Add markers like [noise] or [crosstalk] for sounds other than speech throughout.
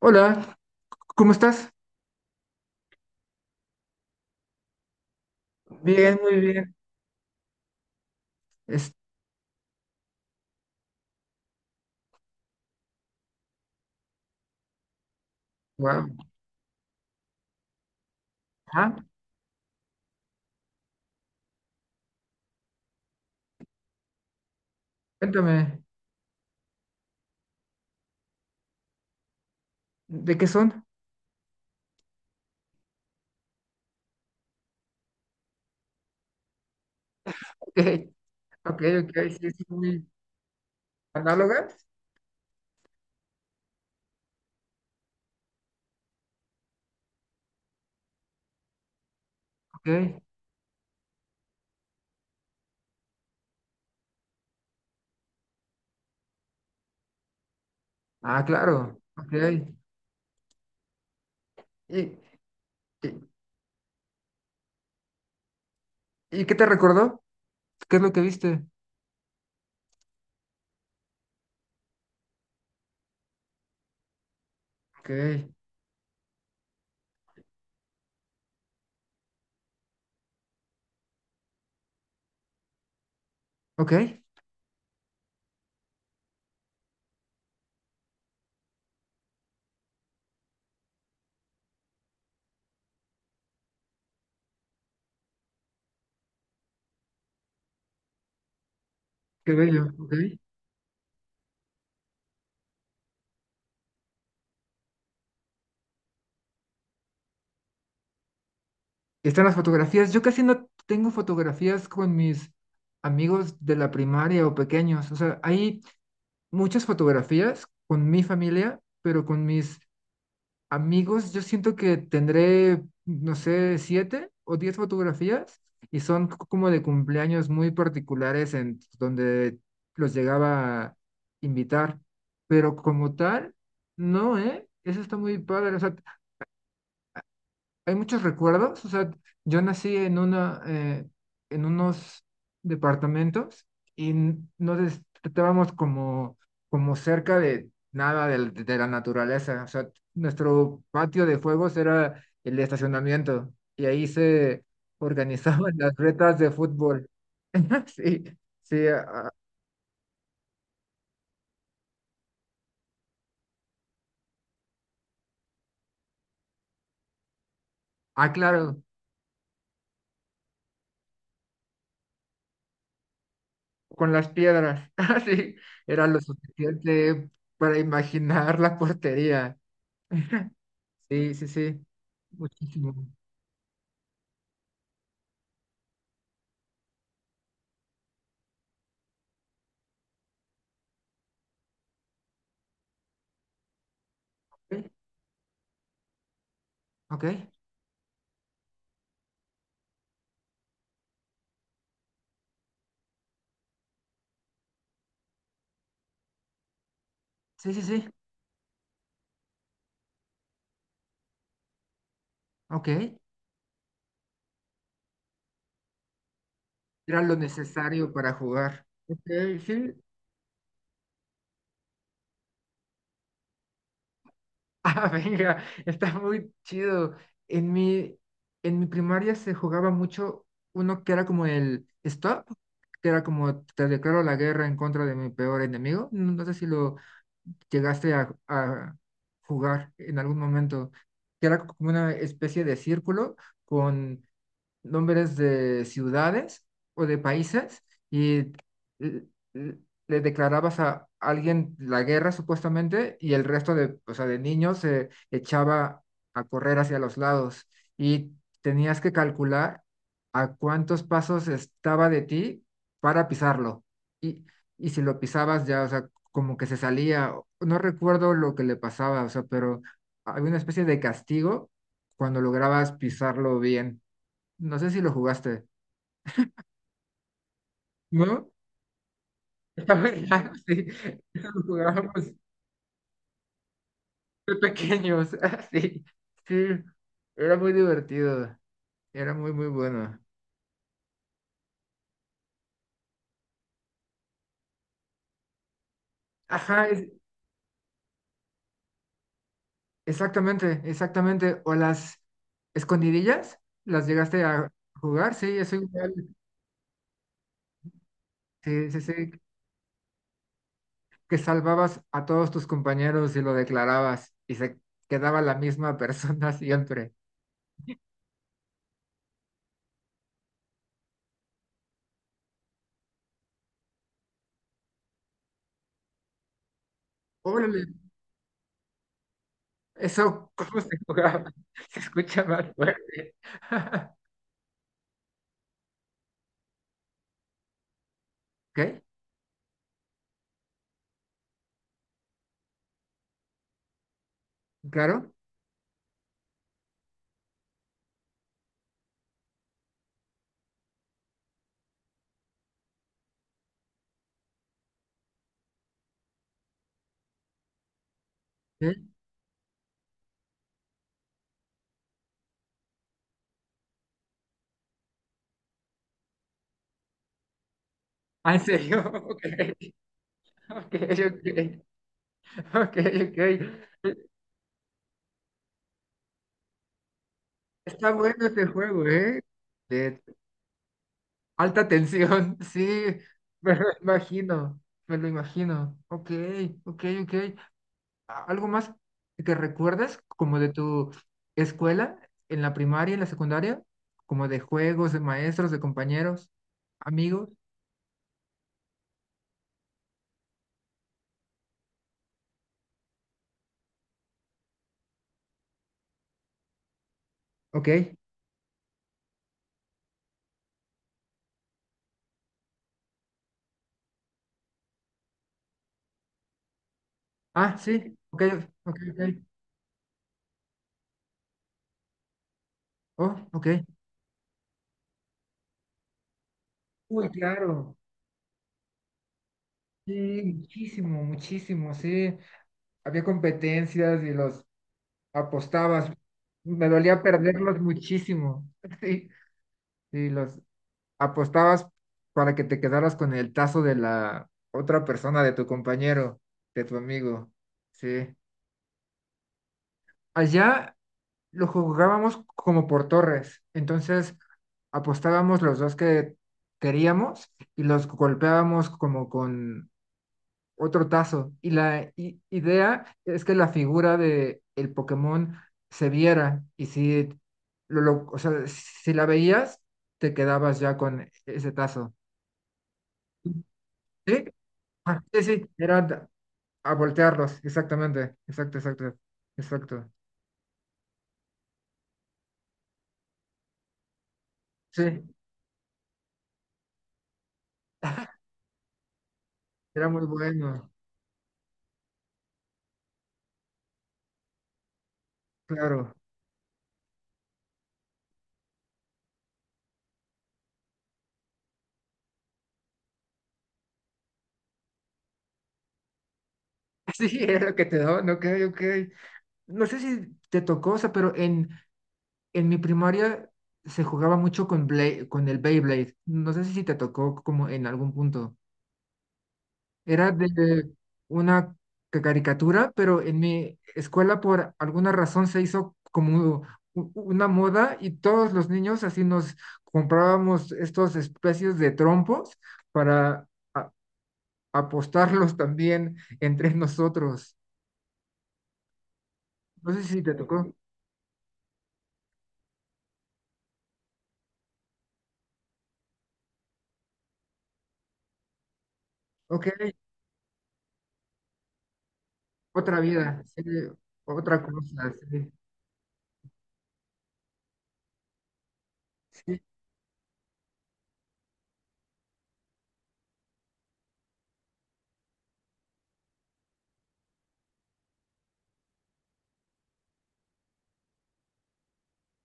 Hola, ¿cómo estás? Bien, muy bien. Es, wow. Ah, cuéntame, ¿de qué son? [laughs] Ok, ok, ok, sí, sí, muy análogas. Ok, ah, claro, ok. ¿Y, y, y qué te recordó? ¿Qué es lo que viste? Ok, ok, qué bello, ok. Y están las fotografías. Yo casi no tengo fotografías con mis amigos de la primaria o pequeños. O sea, hay muchas fotografías con mi familia, pero con mis amigos, yo siento que tendré, no sé, 7 o 10 fotografías y son como de cumpleaños muy particulares en donde los llegaba a invitar, pero como tal, no, ¿eh? Eso está muy padre. O sea, hay muchos recuerdos. O sea, yo nací en una, en unos departamentos y no estábamos como, como cerca de nada de la naturaleza. O sea, nuestro patio de juegos era el estacionamiento y ahí se organizaban [laughs] las retas de fútbol. [laughs] Sí, sí, ah, ah, claro, con las piedras. [laughs] Sí, era lo suficiente para imaginar la portería. [laughs] Sí, sí, sí. Muchísimo. Ok, ok. Sí, sí, sí. Ok. Era lo necesario para jugar. Ok, sí. Ah, [laughs] venga, está muy chido. En mi, en mi primaria se jugaba mucho uno que era como el stop, que era como te declaro la guerra en contra de mi peor enemigo. No, no sé si lo llegaste a jugar en algún momento, que era como una especie de círculo con nombres de ciudades o de países y l- l- le declarabas a alguien la guerra supuestamente y el resto de, o sea, de niños se echaba a correr hacia los lados y tenías que calcular a cuántos pasos estaba de ti para pisarlo. Y, y si lo pisabas ya, o sea, como que se salía, no recuerdo lo que le pasaba, o sea, pero había una especie de castigo cuando lograbas pisarlo bien. No sé si lo jugaste. ¿No? [laughs] Está muy raro, sí. Eso lo jugábamos de pequeños, [laughs] sí. Sí, era muy divertido, era muy, muy bueno. Ajá, exactamente, exactamente. O las escondidillas, las llegaste a jugar, sí, eso igual, sí, sí, sí, que salvabas a todos tus compañeros y lo declarabas y se quedaba la misma [laughs] persona siempre. Órale, eso, ¿cómo se jugaba? [laughs] Se escucha más fuerte. [laughs] ¿Qué? ¿Claro? ¿Sí? Ah, ¿en serio? [laughs] Ok, ok, ok, ok, ok. Está bueno este juego, ¿eh? De alta tensión, [laughs] sí, me lo imagino, me lo imagino. Ok, ok, ok. ¿Algo más que recuerdas como de tu escuela, en la primaria, en la secundaria? Como de juegos, de maestros, de compañeros, amigos. Ok. Ah, sí, ok, ok, ok. Oh, ok. Uy, claro. Sí, muchísimo, muchísimo, sí. Había competencias y los apostabas. Me dolía perderlos muchísimo. [laughs] Sí, sí, los apostabas para que te quedaras con el tazo de la otra persona, de tu compañero, de tu amigo. Sí. Allá lo jugábamos como por torres. Entonces apostábamos los dos que queríamos y los golpeábamos como con otro tazo. Y la idea es que la figura de el Pokémon se viera y si o sea, si la veías, te quedabas ya con ese tazo. ¿Sí? Ah, sí, sí, era a voltearlos, exactamente, exacto, exacto, exacto. Sí, [laughs] era muy bueno, claro. [laughs] Sí, era lo que te daban, ok, ok. No sé si te tocó, o sea, pero en mi primaria se jugaba mucho con, con el Beyblade. No sé si te tocó como en algún punto. Era de una caricatura, pero en mi escuela por alguna razón se hizo como una moda y todos los niños así nos comprábamos estos especies de trompos para a- apostarlos también entre nosotros. No sé si te tocó. Ok, otra vida, sí, otra cosa, sí, sí,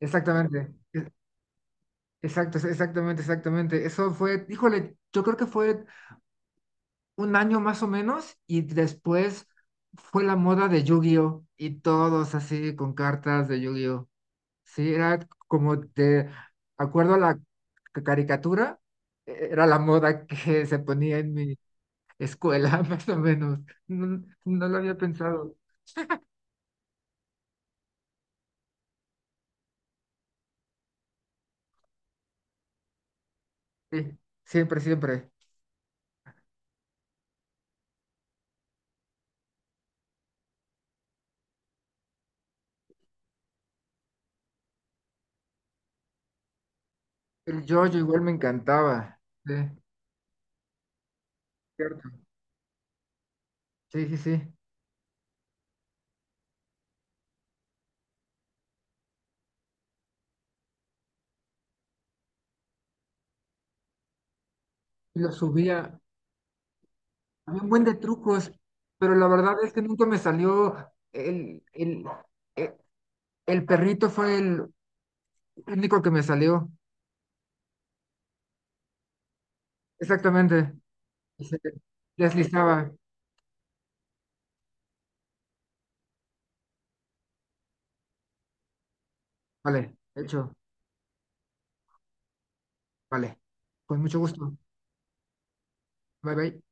exactamente. Exacto, exactamente, exactamente. Eso fue, híjole, yo creo que fue un año más o menos y después fue la moda de Yu-Gi-Oh y todos así con cartas de Yu-Gi-Oh. Sí, era como de acuerdo a la caricatura, era la moda que se ponía en mi escuela, [laughs] más o menos. No, no lo había pensado. Sí, siempre, siempre. El yo igual me encantaba. Sí, cierto. Sí, sí, sí. Y lo subía. Había un buen de trucos, pero la verdad es que nunca me salió el, el, e- el perrito fue el único que me salió. Exactamente. Y se deslizaba. Vale, hecho. Vale. Con mucho gusto. Bye bye.